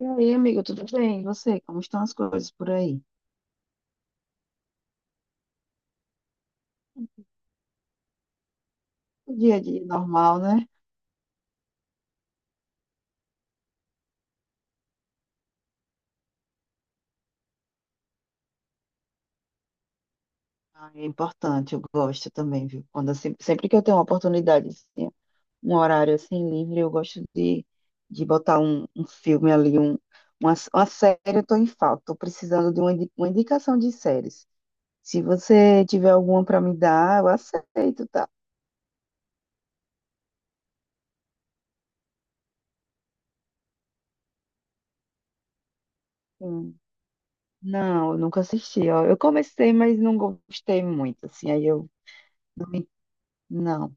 E aí, amigo, tudo bem? E você? Como estão as coisas por aí? O dia a dia é normal, né? Ah, é importante, eu gosto também, viu? Quando assim, sempre que eu tenho uma oportunidade, assim, um horário assim livre, eu gosto de botar um filme ali, um, uma série, eu tô em falta. Estou precisando de uma, uma indicação de séries. Se você tiver alguma para me dar, eu aceito, tá? Hum. Não, eu nunca assisti, ó. Eu comecei, mas não gostei muito, assim, aí eu não. me- não.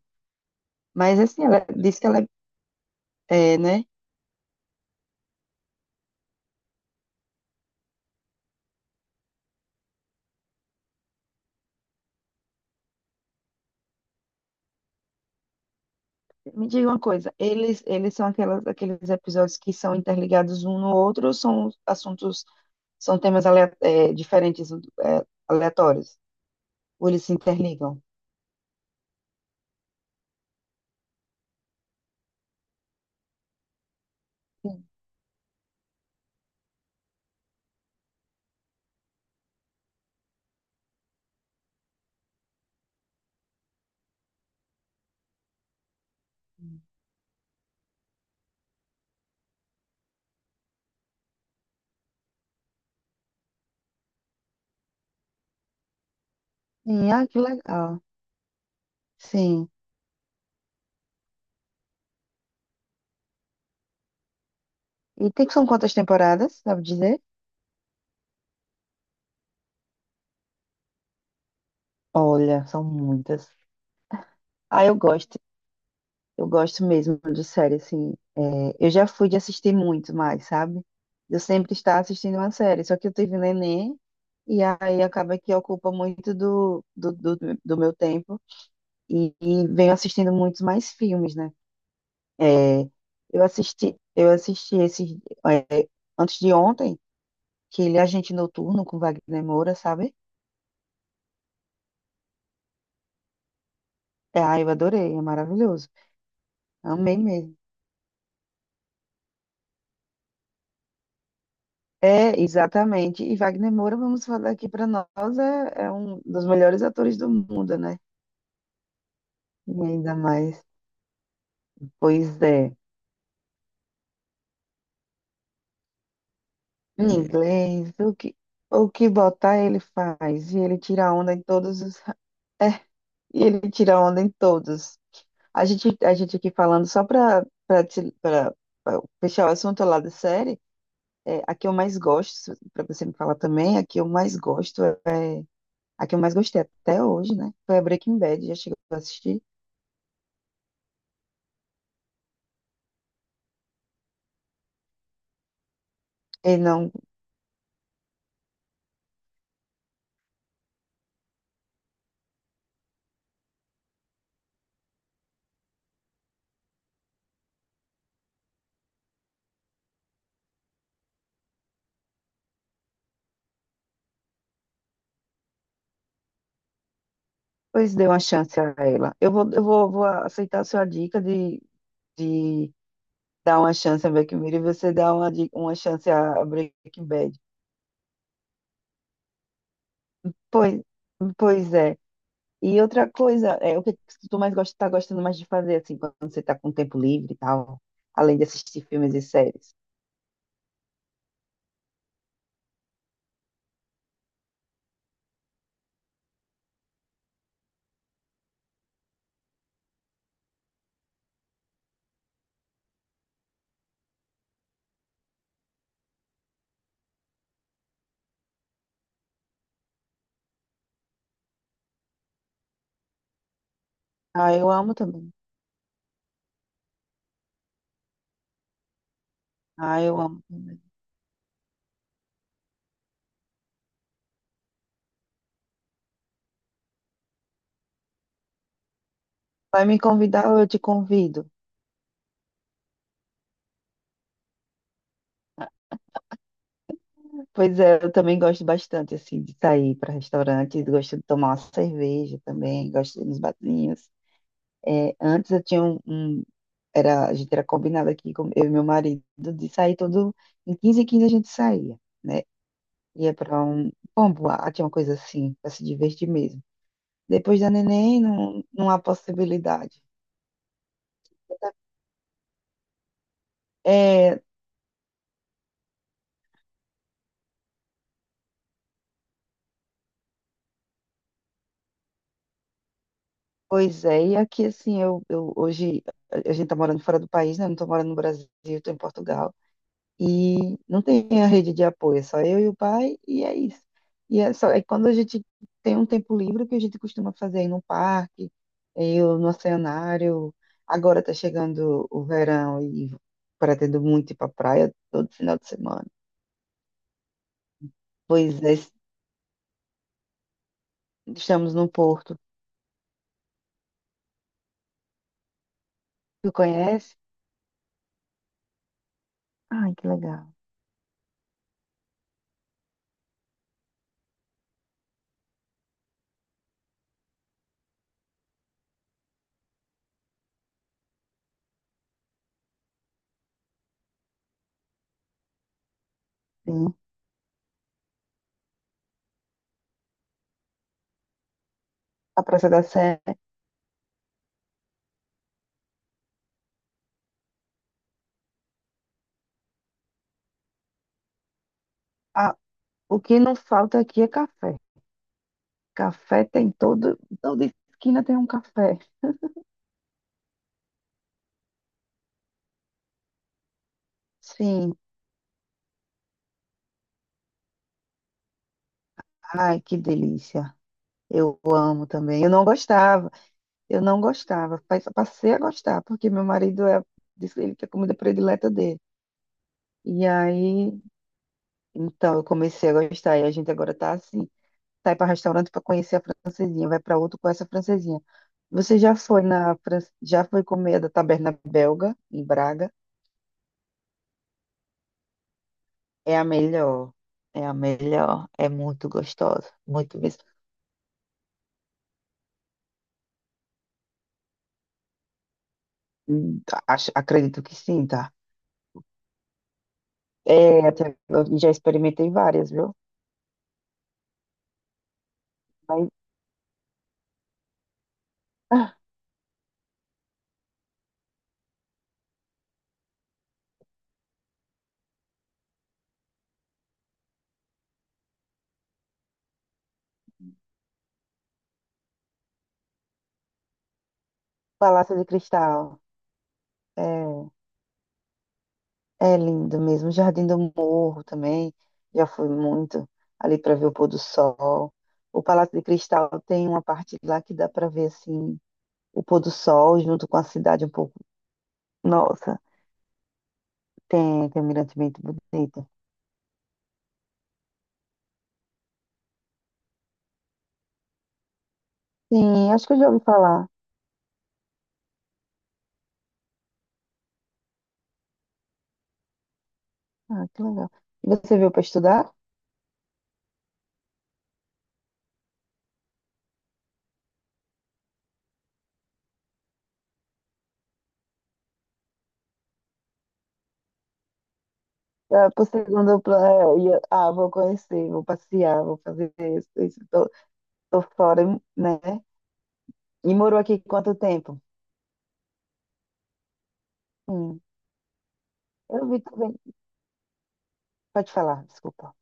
Mas assim, ela disse que ela é, é, né? Me diga uma coisa, eles são aquelas, aqueles episódios que são interligados um no outro ou são assuntos, são é, diferentes, é, aleatórios? Ou eles se interligam? Sim, ah, que legal. Sim. E tem, são quantas temporadas, sabe dizer? Olha, são muitas. Ah, eu gosto. Eu gosto mesmo de série, assim. É, eu já fui de assistir muito mais, sabe? Eu sempre estava assistindo uma série, só que eu tive neném, e aí acaba que ocupa muito do meu tempo, e venho assistindo muitos mais filmes, né? É, eu assisti esse, é, antes de ontem, que ele é Agente Noturno, com Wagner Moura, sabe? É, ah, eu adorei, é maravilhoso. Amei mesmo. É, exatamente. E Wagner Moura, vamos falar aqui para nós, é, é um dos melhores atores do mundo, né? E ainda mais, pois é, em, é, inglês, o que botar ele faz, e ele tira onda em todos os... É, e ele tira onda em todos. A gente aqui falando só para fechar o assunto lá da série, é, a que eu mais gosto, para você me falar também, a que eu mais gosto é. A que eu mais gostei até hoje, né? Foi a Breaking Bad, já chegou a assistir? E não, pois dê uma chance a ela. Eu vou, eu vou aceitar a sua dica de dar uma chance a Black Mirror, e você dar uma, uma chance a Breaking Bad. Pois, pois é. E outra coisa, é o que que tu mais gosta, tá gostando mais de fazer, assim, quando você tá com tempo livre e tal, além de assistir filmes e séries. Ah, eu amo também. Ah, eu amo também. Vai me convidar ou eu te convido? Pois é, eu também gosto bastante, assim, de sair para restaurantes, gosto de tomar uma cerveja também, gosto de ir nos barzinhos. É, antes eu tinha era, a gente era combinado aqui, com eu e meu marido, de sair todo, em 15 a gente saía, né? Ia para um bom boate, uma coisa assim, para se divertir mesmo. Depois da neném, não, não há possibilidade. É, pois é, e aqui assim, eu hoje a gente tá morando fora do país, né? Eu não tô morando no Brasil, tô em Portugal. E não tem a rede de apoio, é só eu e o pai, e é isso. E é só, é quando a gente tem um tempo livre, o que a gente costuma fazer aí no parque, é, eu no oceanário. Agora está chegando o verão e pretendo muito ir para a praia todo final de semana. Pois é, estamos no Porto. Tu conhece? Ai, que legal. Sim. A Praça da Sé. Ah, o que não falta aqui é café. Café tem todo, toda esquina tem um café. Sim. Ai, que delícia. Eu amo também. Eu não gostava. Passei a gostar, porque meu marido é, disse ele que é a comida predileta dele. E aí, então, eu comecei a gostar. E a gente agora tá assim: sai para restaurante para conhecer a francesinha, vai para outro com essa francesinha. Você já foi na França, já foi comer a da Taberna Belga, em Braga? É a melhor, é a melhor, é muito gostosa, muito mesmo. Hum, Acho, acredito que sim, tá? É, até, eu já experimentei várias, viu? Mas Palácio de Cristal. É, é lindo mesmo. Jardim do Morro também. Já fui muito ali para ver o pôr do sol. O Palácio de Cristal tem uma parte lá que dá para ver assim o pôr do sol junto com a cidade um pouco. Nossa, tem, tem um mirante muito bonito. Sim, acho que eu já ouvi falar. Ah, que legal. E você veio para estudar? Ah, pro segundo plano, ah, vou conhecer, vou passear, vou fazer isso, isso, tô, tô fora, né? E morou aqui quanto tempo? Hum. Eu vi também. Pode falar, desculpa.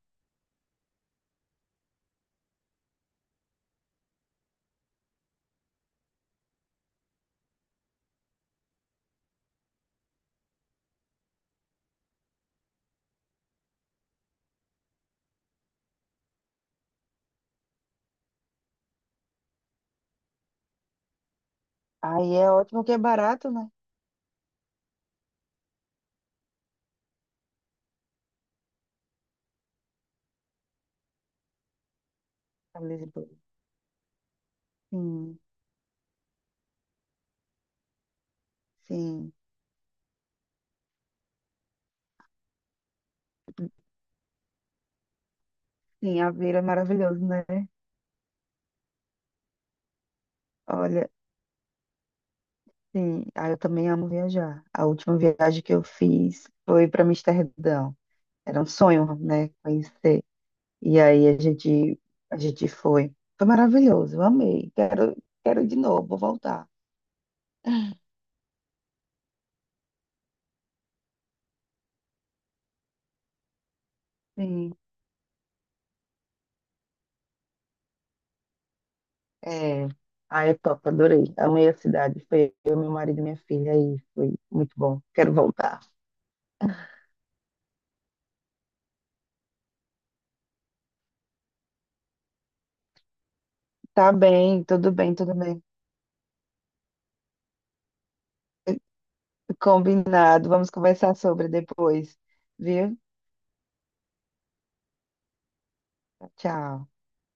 Aí é ótimo que é barato, né? A Lisboa. Sim, sim. Sim, a Aveiro é maravilhoso, né? Olha, sim. Ah, eu também amo viajar. A última viagem que eu fiz foi para Amsterdão. Era um sonho, né? Conhecer. E aí a gente foi. Foi maravilhoso, eu amei. Quero, quero ir de novo, vou voltar. Sim. É. Ah, é top, adorei. Amei a cidade. Foi eu, meu marido e minha filha. Aí foi muito bom. Quero voltar. Tá bem, tudo bem, tudo bem. Combinado. Vamos conversar sobre depois, viu? Tchau.